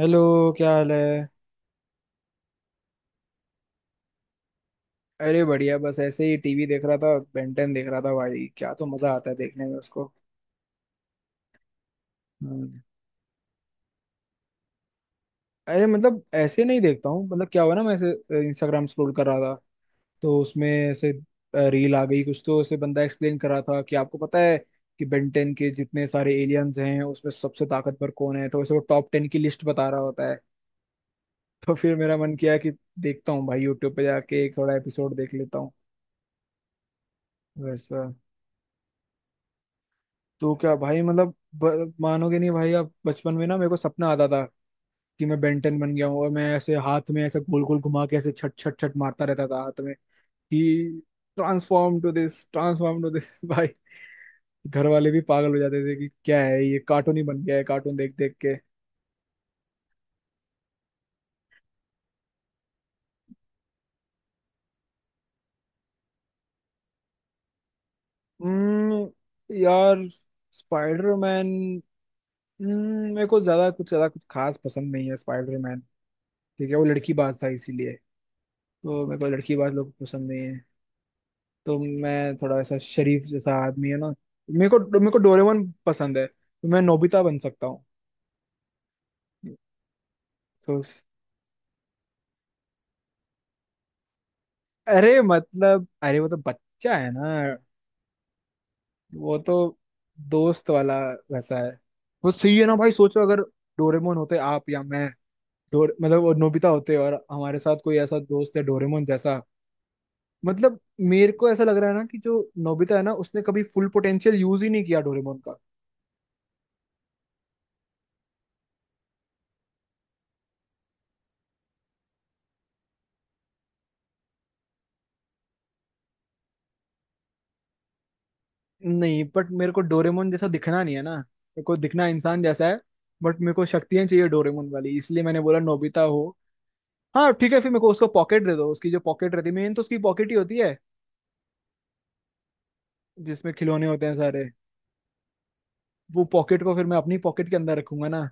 Hello. क्या हाल है? अरे बढ़िया। बस ऐसे ही टीवी देख रहा था, बेंटन देख रहा था। भाई क्या तो मजा आता है देखने में उसको। हम्म, अरे मतलब ऐसे नहीं देखता हूँ। मतलब क्या हुआ ना, मैं ऐसे इंस्टाग्राम स्क्रॉल कर रहा था तो उसमें ऐसे रील आ गई। कुछ तो ऐसे बंदा एक्सप्लेन कर रहा था कि आपको पता है कि बेंटन के जितने सारे एलियंस हैं उसमें सबसे ताकतवर कौन है। तो ऐसे वो टॉप 10 की लिस्ट बता रहा होता है। तो फिर मेरा मन किया कि देखता हूँ भाई, यूट्यूब पे जाके एक थोड़ा एपिसोड देख लेता हूँ। वैसा। तो क्या भाई मतलब मानोगे नहीं भाई। अब बचपन में ना मेरे को सपना आता था कि मैं बेंटन बन गया हूँ और मैं ऐसे हाथ में ऐसे गोल गोल घुमा के ऐसे छट छट छट मारता रहता था हाथ में कि transform to this, transform to this. भाई घर वाले भी पागल हो जाते थे कि क्या है, ये कार्टून ही बन गया है कार्टून देख देख के। हम्म, यार स्पाइडरमैन, मेरे को ज्यादा कुछ खास पसंद नहीं है स्पाइडरमैन। ठीक है वो लड़की बाज था, इसीलिए। तो मेरे को लड़की बाज लोग पसंद नहीं है। तो मैं थोड़ा ऐसा शरीफ जैसा आदमी है ना। मेरे को डोरेमोन पसंद है, तो मैं नोबिता बन सकता हूँ। तो अरे मतलब अरे वो तो बच्चा है ना, वो तो दोस्त वाला वैसा है। वो सही है ना भाई, सोचो अगर डोरेमोन होते आप या मैं। डोर मतलब वो नोबिता होते और हमारे साथ कोई ऐसा दोस्त है डोरेमोन जैसा। मतलब मेरे को ऐसा लग रहा है ना कि जो नोबिता है ना, उसने कभी फुल पोटेंशियल यूज ही नहीं किया डोरेमोन का। नहीं बट मेरे को डोरेमोन जैसा दिखना नहीं है ना, मेरे को दिखना इंसान जैसा है। बट मेरे को शक्तियां चाहिए डोरेमोन वाली, इसलिए मैंने बोला नोबिता हो। हाँ ठीक है, फिर मेरे को उसको पॉकेट दे दो। उसकी जो पॉकेट रहती है, मेन तो उसकी पॉकेट ही होती है जिसमें खिलौने होते हैं सारे। वो पॉकेट को फिर मैं अपनी पॉकेट के अंदर रखूंगा ना।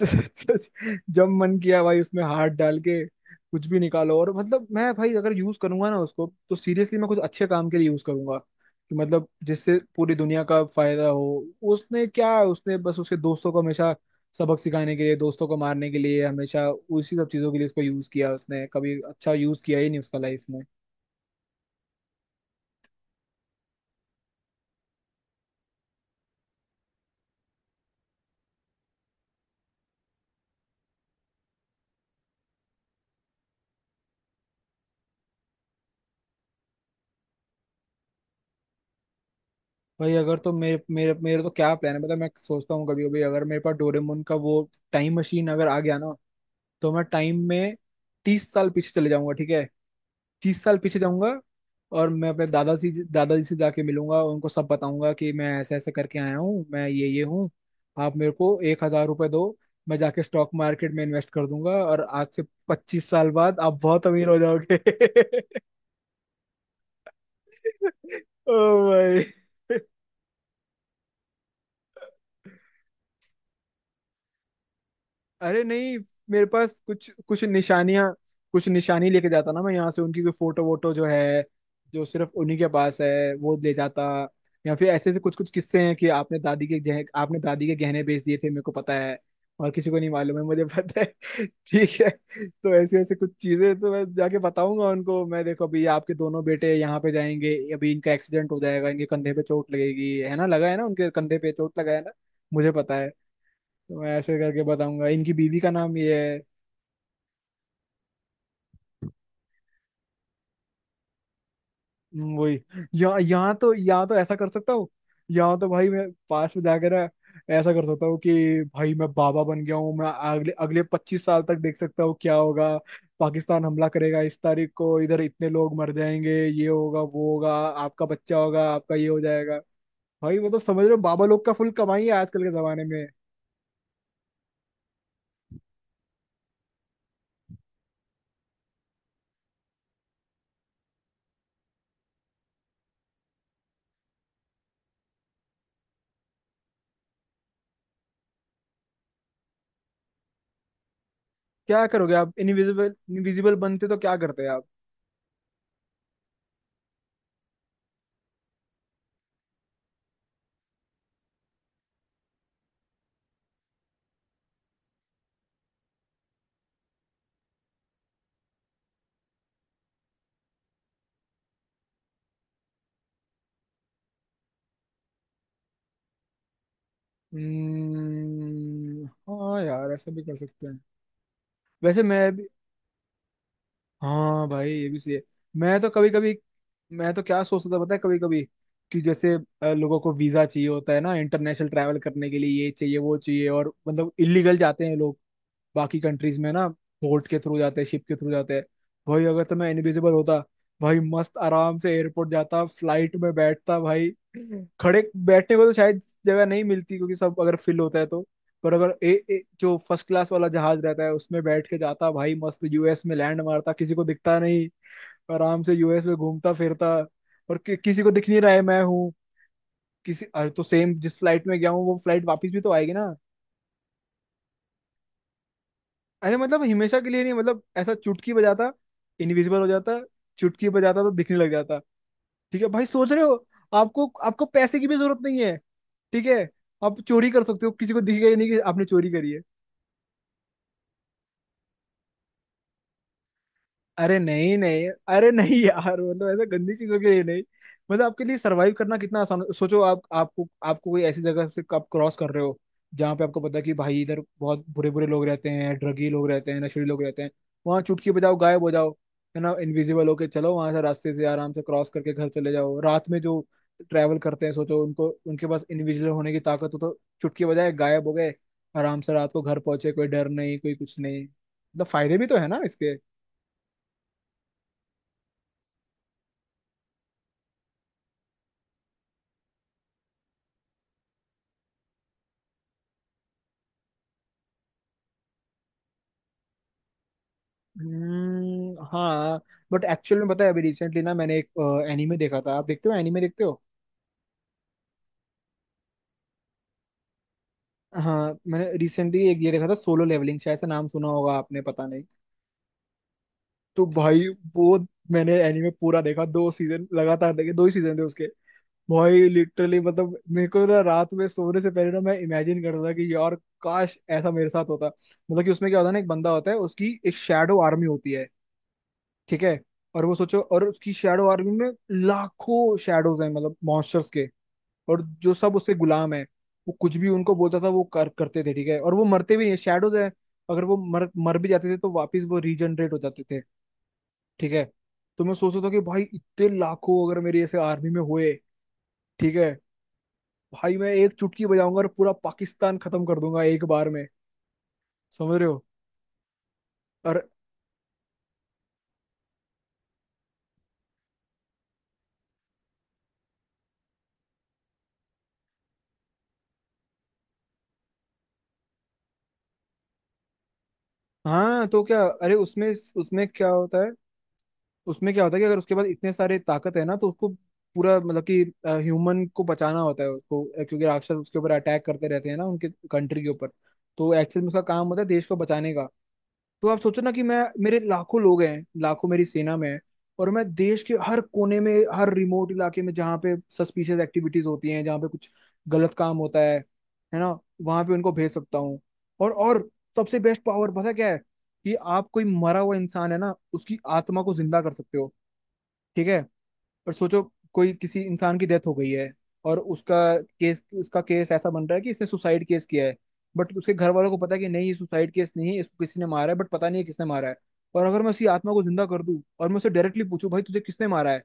जब मन किया भाई, उसमें हाथ डाल के कुछ भी निकालो। और मतलब मैं भाई अगर यूज करूंगा ना उसको, तो सीरियसली मैं कुछ अच्छे काम के लिए यूज करूंगा कि मतलब जिससे पूरी दुनिया का फायदा हो। उसने क्या, उसने बस उसके दोस्तों को हमेशा सबक सिखाने के लिए, दोस्तों को मारने के लिए, हमेशा उसी सब चीजों के लिए उसको यूज किया। उसने कभी अच्छा यूज किया ही नहीं उसका लाइफ में। भाई अगर तो मेरे मेरे मेरे तो क्या प्लान है, मतलब मैं सोचता हूँ कभी कभी, अगर मेरे पास डोरेमोन का वो टाइम मशीन अगर आ गया ना, तो मैं टाइम में 30 साल पीछे चले जाऊंगा। ठीक है, 30 साल पीछे जाऊंगा। और मैं अपने दादाजी दादाजी से जाके मिलूंगा, उनको सब बताऊंगा कि मैं ऐसे ऐसे करके आया हूँ, मैं ये हूँ। आप मेरे को ₹1,000 दो, मैं जाके स्टॉक मार्केट में इन्वेस्ट कर दूंगा और आज से 25 साल बाद आप बहुत अमीर हो जाओगे। ओ भाई। अरे नहीं, मेरे पास कुछ कुछ निशानियां, कुछ निशानी लेके जाता ना मैं यहाँ से। उनकी कोई फोटो वोटो जो है, जो सिर्फ उन्हीं के पास है, वो ले जाता। या फिर ऐसे ऐसे कुछ कुछ किस्से हैं कि आपने दादी के गहने बेच दिए थे मेरे को पता है, और किसी को नहीं मालूम है मुझे पता है। ठीक है। तो ऐसे ऐसे कुछ चीजें तो मैं जाके बताऊंगा उनको। मैं देखो, अभी आपके दोनों बेटे यहाँ पे जाएंगे, अभी इनका एक्सीडेंट हो जाएगा, इनके कंधे पे चोट लगेगी, है ना, लगा है ना उनके कंधे पे चोट लगा है ना, मुझे पता है। तो मैं ऐसे करके बताऊंगा, इनकी बीवी का नाम ये है। वही। या यहाँ तो ऐसा कर सकता हूँ। यहाँ तो भाई मैं पास में जाकर ना ऐसा कर सकता हूँ कि भाई मैं बाबा बन गया हूँ, मैं अगले अगले 25 साल तक देख सकता हूँ क्या होगा। पाकिस्तान हमला करेगा इस तारीख को, इधर इतने लोग मर जाएंगे, ये होगा, वो होगा, आपका बच्चा होगा, आपका ये हो जाएगा। भाई मतलब समझ रहे हो, बाबा लोग का फुल कमाई है आजकल के जमाने में। क्या करोगे आप इनविजिबल इनविजिबल बनते तो क्या करते। हाँ यार ऐसा भी कर सकते हैं। वैसे मैं भी। हाँ भाई ये भी सही है। मैं तो कभी कभी, मैं तो क्या सोचता था पता है कभी कभी, कि जैसे लोगों को वीजा चाहिए होता है ना इंटरनेशनल ट्रैवल करने के लिए, ये चाहिए वो चाहिए, और मतलब इलीगल जाते हैं लोग बाकी कंट्रीज में ना, बोट के थ्रू जाते हैं, शिप के थ्रू जाते हैं। भाई अगर तो मैं इनविजिबल होता, भाई मस्त आराम से एयरपोर्ट जाता, फ्लाइट में बैठता भाई। खड़े बैठने को तो शायद जगह नहीं मिलती क्योंकि सब अगर फिल होता है तो, पर अगर ए, ए, जो फर्स्ट क्लास वाला जहाज रहता है उसमें बैठ के जाता भाई। मस्त यूएस में लैंड मारता, किसी को दिखता नहीं, आराम से यूएस में घूमता फिरता। और किसी को दिख नहीं रहा है मैं हूँ। किसी अरे तो सेम जिस फ्लाइट में गया हूँ, वो फ्लाइट वापस भी तो आएगी ना। अरे मतलब हमेशा के लिए नहीं, मतलब ऐसा चुटकी बजाता, इनविजिबल हो जाता। चुटकी बजाता तो दिखने लग जाता। ठीक है भाई सोच रहे हो, आपको आपको पैसे की भी जरूरत नहीं है। ठीक है, आप चोरी कर सकते हो, किसी को दिखेगा ही नहीं कि आपने चोरी करी है। अरे नहीं नहीं, अरे नहीं यार, मतलब ऐसा गंदी चीजों के लिए नहीं। मतलब आपके लिए सरवाइव करना कितना आसान सोचो, आप आपको आपको कोई ऐसी जगह से आप क्रॉस कर रहे हो जहाँ पे आपको पता है कि भाई इधर बहुत बुरे बुरे लोग रहते हैं, ड्रगी लोग रहते हैं, नशेड़ी लोग रहते हैं। वहां चुटकी बजाओ, गायब हो जाओ, है ना। इनविजिबल होके चलो वहां से, रास्ते से आराम से क्रॉस करके घर चले जाओ। रात में जो ट्रैवल करते हैं, सोचो उनको उनके पास इनविजिबल होने की ताकत हो, तो चुटकी बजाए गायब हो गए, आराम से रात को घर पहुंचे। कोई डर नहीं, कोई कुछ नहीं। मतलब फायदे भी तो है ना इसके। हम्म, हाँ। बट एक्चुअल में पता है, अभी रिसेंटली ना मैंने एक एनीमे देखा था। आप देखते हो एनीमे, देखते हो? हाँ। मैंने रिसेंटली एक ये देखा था सोलो लेवलिंग, शायद से नाम सुना होगा आपने पता नहीं। तो भाई, वो, मैंने एनीमे पूरा देखा, 2 सीजन लगातार देखे, दो ही सीजन थे उसके। भाई लिटरली मतलब मेरे को ना रात में सोने से पहले ना मैं इमेजिन करता था कि यार काश ऐसा मेरे साथ होता। मतलब कि उसमें क्या होता है ना, एक बंदा होता है, उसकी एक शैडो आर्मी होती है। ठीक है और वो सोचो, और उसकी शैडो आर्मी में लाखों शैडोज हैं, मतलब मॉन्स्टर्स के, और जो सब उसके गुलाम है। वो कुछ भी उनको बोलता था वो कर करते थे, ठीक है, और वो मरते भी नहीं, शैडोज है। अगर वो मर मर भी जाते थे तो वापस वो रीजनरेट हो जाते थे, ठीक है। तो मैं सोचता था कि भाई इतने लाखों अगर मेरे ऐसे आर्मी में हुए, ठीक है, भाई मैं एक चुटकी बजाऊंगा और पूरा पाकिस्तान खत्म कर दूंगा एक बार में। समझ रहे हो। और हाँ तो क्या, अरे उसमें उसमें क्या होता है उसमें क्या होता है कि अगर उसके पास इतने सारे ताकत है ना, तो उसको पूरा मतलब कि ह्यूमन को बचाना होता है उसको, क्योंकि राक्षस उसके ऊपर अटैक करते रहते हैं ना, उनके कंट्री के ऊपर। तो एक्चुअल में उसका काम होता है देश को बचाने का। तो आप सोचो ना कि मैं, मेरे लाखों लोग हैं, लाखों मेरी सेना में है, और मैं देश के हर कोने में, हर रिमोट इलाके में जहाँ पे सस्पिशियस एक्टिविटीज होती हैं, जहाँ पे कुछ गलत काम होता है ना, वहां पे उनको भेज सकता हूँ। और सबसे बेस्ट पावर पता क्या है? कि आप, कोई मरा हुआ इंसान है ना, उसकी आत्मा को जिंदा कर सकते हो। ठीक है, और सोचो, कोई किसी इंसान की डेथ हो गई है, और उसका केस ऐसा बन रहा है कि इसने सुसाइड केस किया है, बट उसके घर वालों को पता है कि नहीं, ये सुसाइड केस नहीं है, इसको किसी ने मारा है, बट पता नहीं है किसने मारा है। और अगर मैं उसकी आत्मा को जिंदा कर दूं, और मैं उसे डायरेक्टली पूछूं, भाई तुझे किसने मारा है,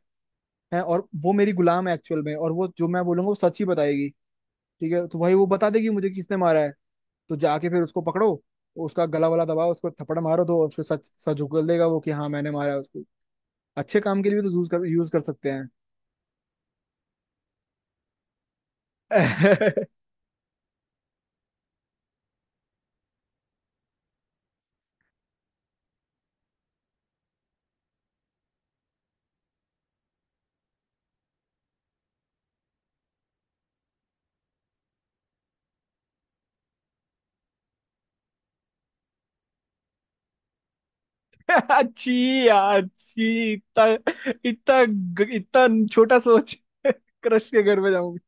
हैं, और वो मेरी गुलाम है एक्चुअल में, और वो जो मैं बोलूंगा वो सच ही बताएगी। ठीक है, तो भाई वो बता देगी मुझे किसने मारा है। तो जाके फिर उसको पकड़ो, उसका गला वाला दबाओ, उसको थप्पड़ मारो दो, और फिर सच सच उगल देगा वो कि हाँ मैंने मारा है उसको। अच्छे काम के लिए भी तो यूज कर सकते हैं। अच्छी यार अच्छी, इतना इतना ग- इतना छोटा सोच, क्रश के घर में जाऊंगी।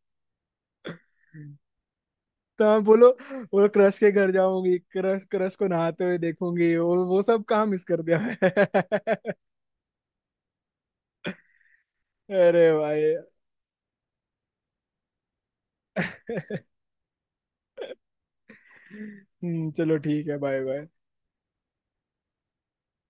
तो हाँ, बोलो। बोलो क्रश के घर जाऊंगी, क्रश क्रश को नहाते हुए देखूंगी, वो सब काम मिस कर दिया मैं। अरे भाई। चलो ठीक है। Bye bye.